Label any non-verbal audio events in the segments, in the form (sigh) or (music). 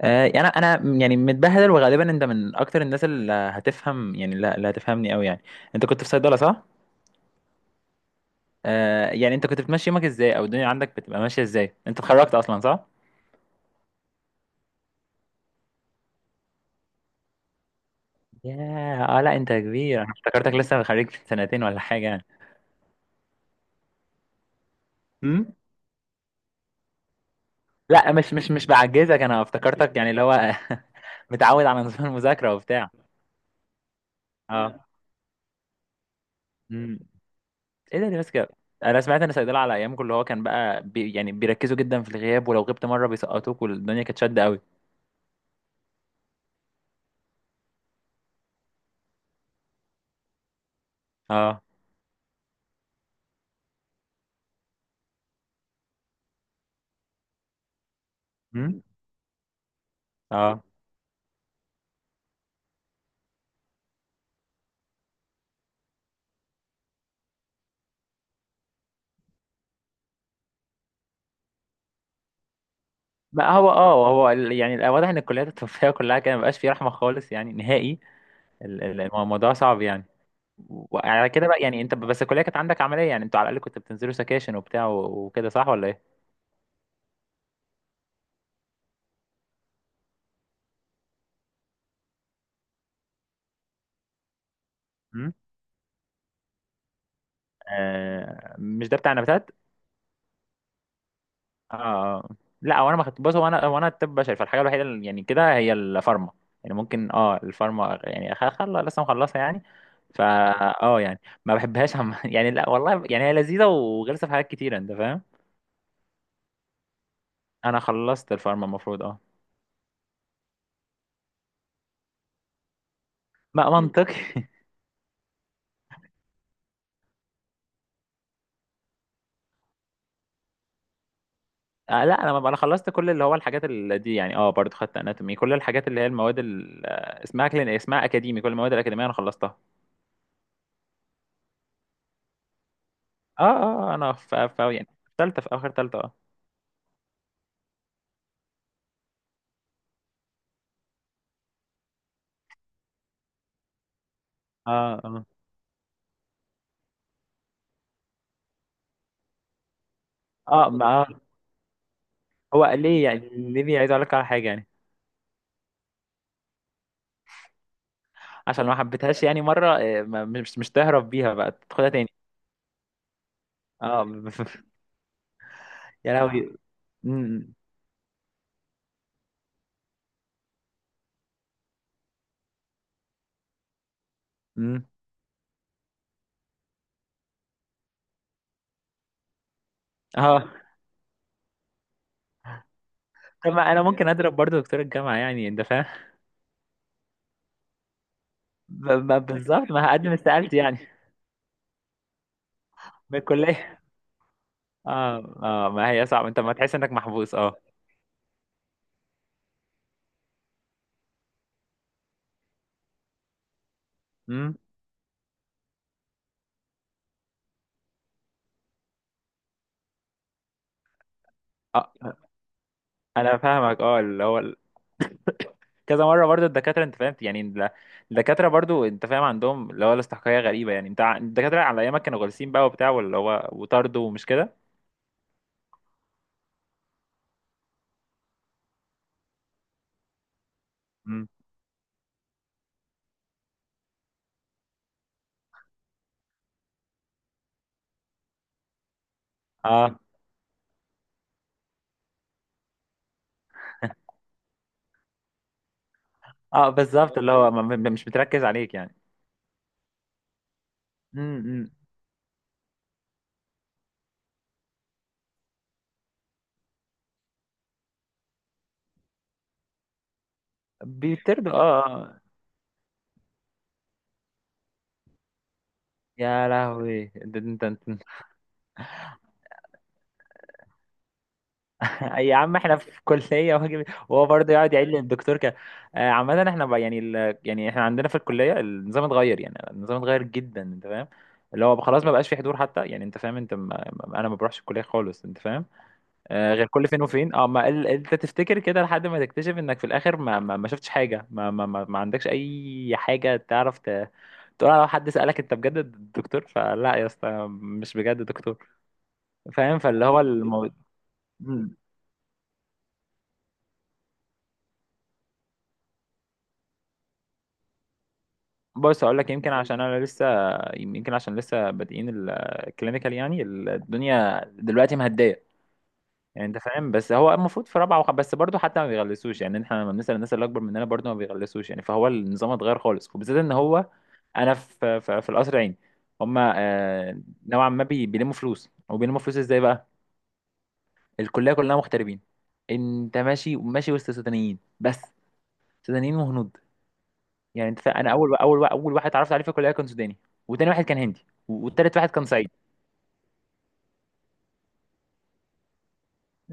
يعني انا يعني متبهدل، وغالبا انت من اكتر الناس اللي هتفهم، يعني لا، اللي هتفهمني قوي يعني. انت كنت في صيدله، صح؟ يعني انت كنت بتمشي يومك ازاي، او الدنيا عندك بتبقى ماشيه ازاي؟ انت اتخرجت اصلا، صح؟ ياه، اه لا، انت كبير، انا افتكرتك لسه خريج في سنتين ولا حاجه يعني. امم لا، مش بعجزك، انا افتكرتك يعني اللي هو (laughs) متعود على نظام المذاكره وبتاع. اه. امم ايه ده اللي بس كده؟ انا سمعت ان صيدله على ايامكم اللي هو كان بقى يعني بيركزوا جدا في الغياب، ولو غبت مره بيسقطوك، والدنيا كانت شاده قوي. اه. امم اه ما هو هو واضح ان الكليات الطبيه كلها كده مبقاش فيه رحمه خالص يعني، نهائي. الموضوع صعب يعني. وعلى كده بقى يعني، انت بس الكليه كانت عندك عمليه يعني، انتوا على الاقل كنتوا بتنزلوا سكاشن وبتاع وكده، صح ولا ايه؟ مم؟ آه، مش ده بتاع نباتات؟ اه آه. لا، هو انا ما خدت، بص هو انا طب بشري، فالحاجه الوحيده اللي يعني كده هي الفارما. يعني ممكن الفارما يعني، خل لسه مخلصها يعني. فا اه يعني ما بحبهاش (laughs) يعني، لا والله يعني هي لذيذه وغلسه في حاجات كتيره، انت فاهم؟ انا خلصت الفارما المفروض، اه. ما منطقي (laughs) آه لا، انا ما انا خلصت كل اللي هو الحاجات اللي دي يعني، اه، برضو خدت اناتومي، كل الحاجات اللي هي المواد اسمها كلين، اسمها اكاديمي، كل المواد الاكاديميه انا خلصتها. اه اه. آه، انا في يعني في ثالثه، في اخر ثالثه اه. اه اه اه ما آه. هو ليه يعني، ليه بيعيدوا عليك على حاجه يعني؟ عشان ما حبيتهاش يعني مره آه، مش تهرب بيها بقى، تاخدها تاني. اه (laughs) يا لهوي. امم امم اه طب ما انا ممكن اضرب برضو دكتور الجامعه يعني، انت فاهم؟ بالظبط ما هقدم استقالتي يعني، من الكليه. اه اه. ما هي صعب، انت ما تحس انك محبوس؟ اه. امم اه انا فاهمك، اه، اللي هو كذا مره برضو الدكاتره، انت فاهم يعني، الدكاتره برضو انت فاهم عندهم اللي هو الاستحقاقيه غريبه يعني. انت الدكاتره على ايامك كانوا غلسين بقى وبتاع، واللي هو وطردوا ومش كده. امم اه اه بالظبط، اللي هو مش بتركز عليك يعني. امم بيطردوا اه آه. يا لهوي. انت يا عم احنا في كلية واجب، وهو برضه يقعد يعيد للدكتور كده. آه، عامة احنا بقى يعني، ال... يعني احنا عندنا في الكلية النظام اتغير يعني، النظام اتغير جدا، انت فاهم؟ اللي هو خلاص ما بقاش في حضور حتى يعني، انت فاهم؟ انت انا ما بروحش الكلية خالص، انت فاهم؟ آه، غير كل فين وفين. اه، ما ال... انت تفتكر كده لحد ما تكتشف انك في الاخر ما شفتش حاجة، ما عندكش اي حاجة تعرف تقول، لو حد سألك انت بجد دكتور؟ فلا يا اسطى، مش بجد دكتور، فاهم؟ فاللي هو الموضوع. بص اقول لك، يمكن عشان انا لسه، يمكن عشان لسه بادئين الكلينيكال يعني، الدنيا دلوقتي مهديه يعني، انت فاهم؟ بس هو المفروض في رابعه بس برضه حتى ما بيغلسوش يعني، احنا لما بنسال الناس اللي اكبر مننا برضه ما بيغلسوش يعني، فهو النظام اتغير خالص. وبالذات ان هو انا في القصر العيني، هما آه، نوعا ما بيلموا فلوس. وبيلموا فلوس ازاي بقى؟ الكليه كلها مغتربين، انت ماشي ماشي وسط سودانيين بس، سودانيين وهنود. يعني انت انا اول واحد اتعرفت عليه في الكليه كان سوداني، وتاني واحد كان هندي، والتالت واحد كان صعيدي.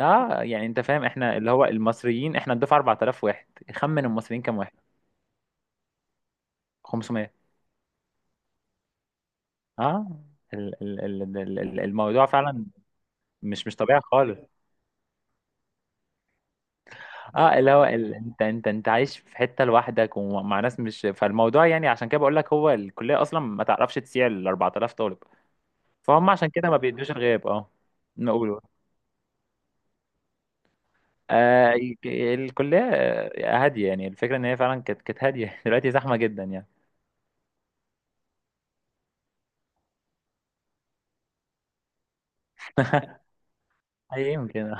اه يعني انت فاهم، احنا اللي هو المصريين احنا الدفعه 4000 واحد. خمن المصريين كام واحد؟ 500. اه. الموضوع فعلا مش طبيعي خالص. اه، اللي هو، ال... انت عايش في حته لوحدك ومع ناس مش فالموضوع. يعني عشان كده بقول لك، هو الكليه اصلا ما تعرفش تسيع ال 4000 طالب، فهم؟ عشان كده ما بيدوش الغياب. اه. نقول آه، الكلية آه، هادية. يعني الفكرة إن هي فعلا كانت هادية (laughs) دلوقتي زحمة جدا يعني. (laughs) أي يمكن.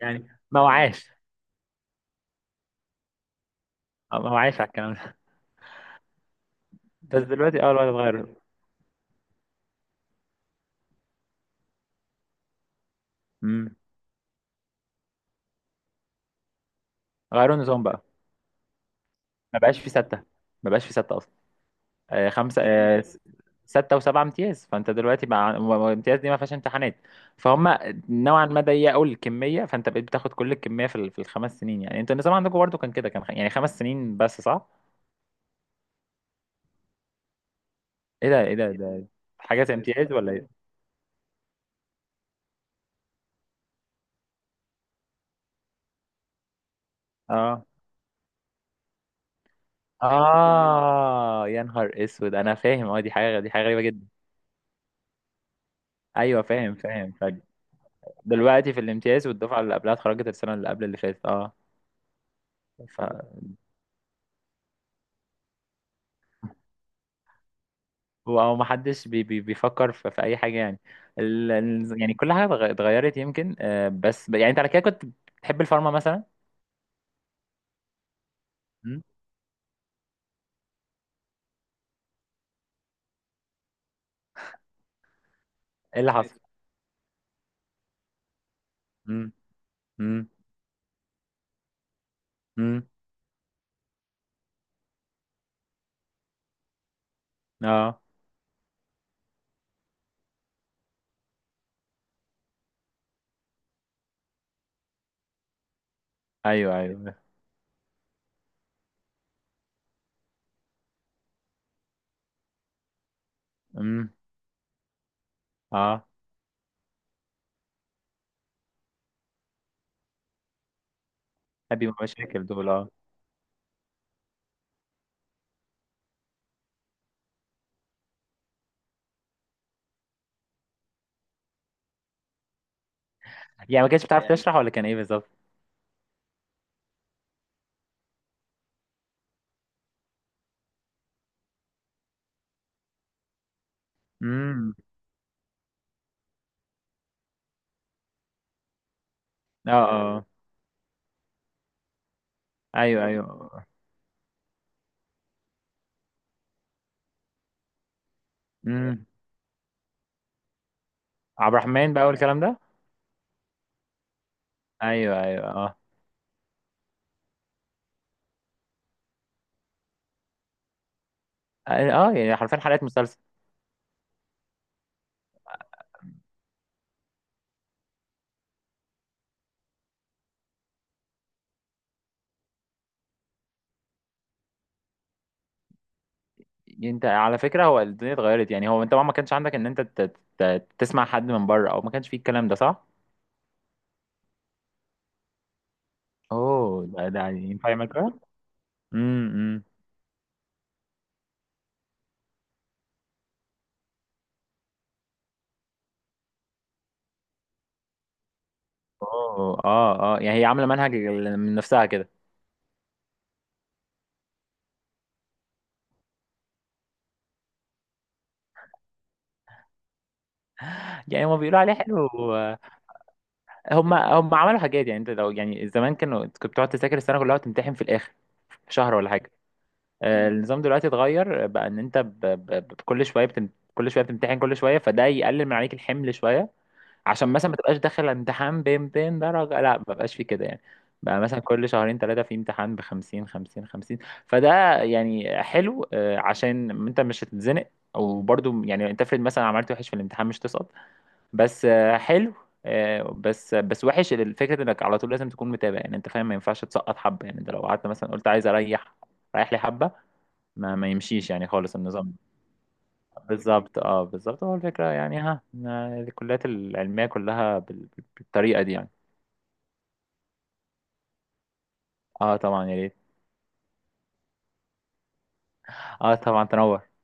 يعني ما وعاش، آه، ما وعاش على الكلام ده. بس دلوقتي أه الوضع اتغير. أمم. غيروا النظام بقى. ما بقاش في ستة، ما بقاش في ستة أصلا. آه، خمسة آه، ستة وسبعة امتياز، فأنت دلوقتي مع امتياز دي ما فيهاش امتحانات، فهم؟ نوعا ما ضيقوا الكمية، فأنت بقيت بتاخد كل الكمية في ال 5 سنين. يعني أنتوا النظام عندكم برضه كان كده، كان يعني 5 سنين بس، صح؟ إيه ده إيه ده، حاجة زي امتياز ولا إيه؟ اه اه، يا نهار اسود، انا فاهم. اه، دي حاجه غريبه جدا. ايوه فاهم، فاهم، فاهم. دلوقتي في الامتياز، والدفعه اللي قبلها اتخرجت السنه اللي قبل اللي فاتت. اه. ف، هو هو ما حدش بي بي بيفكر في اي حاجه يعني، يعني كل حاجه اتغيرت يمكن. آه، بس يعني انت على كده كنت بتحب الفارما مثلا؟ مم؟ ايه اللي حصل؟ امم امم امم اه ايوه ايوه. امم اه هذه مشاكل دول اه. يعني ما كانتش بتعرف تشرح، ولا كان ايه بالظبط؟ امم اه ايوه ايوه. امم عبد الرحمن بقى والكلام ده. ايوه ايوه اه. اه، يعني حرفيا حلقات مسلسل. انت على فكره، هو الدنيا اتغيرت. يعني هو انت ما كانش عندك ان انت تسمع حد من بره، او ما كانش فيه الكلام ده، صح؟ اوه، ده يعني ينفع يعمل كده؟ امم اوه اه اه يعني هي عامله منهج من نفسها كده. يعني هما بيقولوا عليه حلو. هم عملوا حاجات يعني، انت لو يعني زمان كانوا، كنت بتقعد تذاكر السنه كلها وتمتحن في الاخر، في شهر ولا حاجه. آه، النظام دلوقتي اتغير بقى، ان انت كل شويه كل شويه بتمتحن، كل شويه، فده يقلل من عليك الحمل شويه. عشان مثلا ما تبقاش داخل امتحان ب 200 درجه، لا ما بقاش في كده يعني. بقى مثلا كل شهرين ثلاثه في امتحان ب 50 50 50. فده يعني حلو، آه، عشان انت مش هتتزنق. وبرضه يعني انت افرض مثلا عملت وحش في الامتحان مش تسقط، بس آه، حلو. آه، بس وحش الفكره انك على طول لازم تكون متابع، يعني انت فاهم، ما ينفعش تسقط حبه يعني. انت لو قعدت مثلا قلت عايز اريح، رايح لي حبه، ما ما يمشيش يعني خالص النظام. بالظبط اه بالظبط، هو الفكرة يعني ها ما الكليات العلمية كلها بالطريقة دي يعني. اه طبعا، يا ريت. اه طبعا تنور.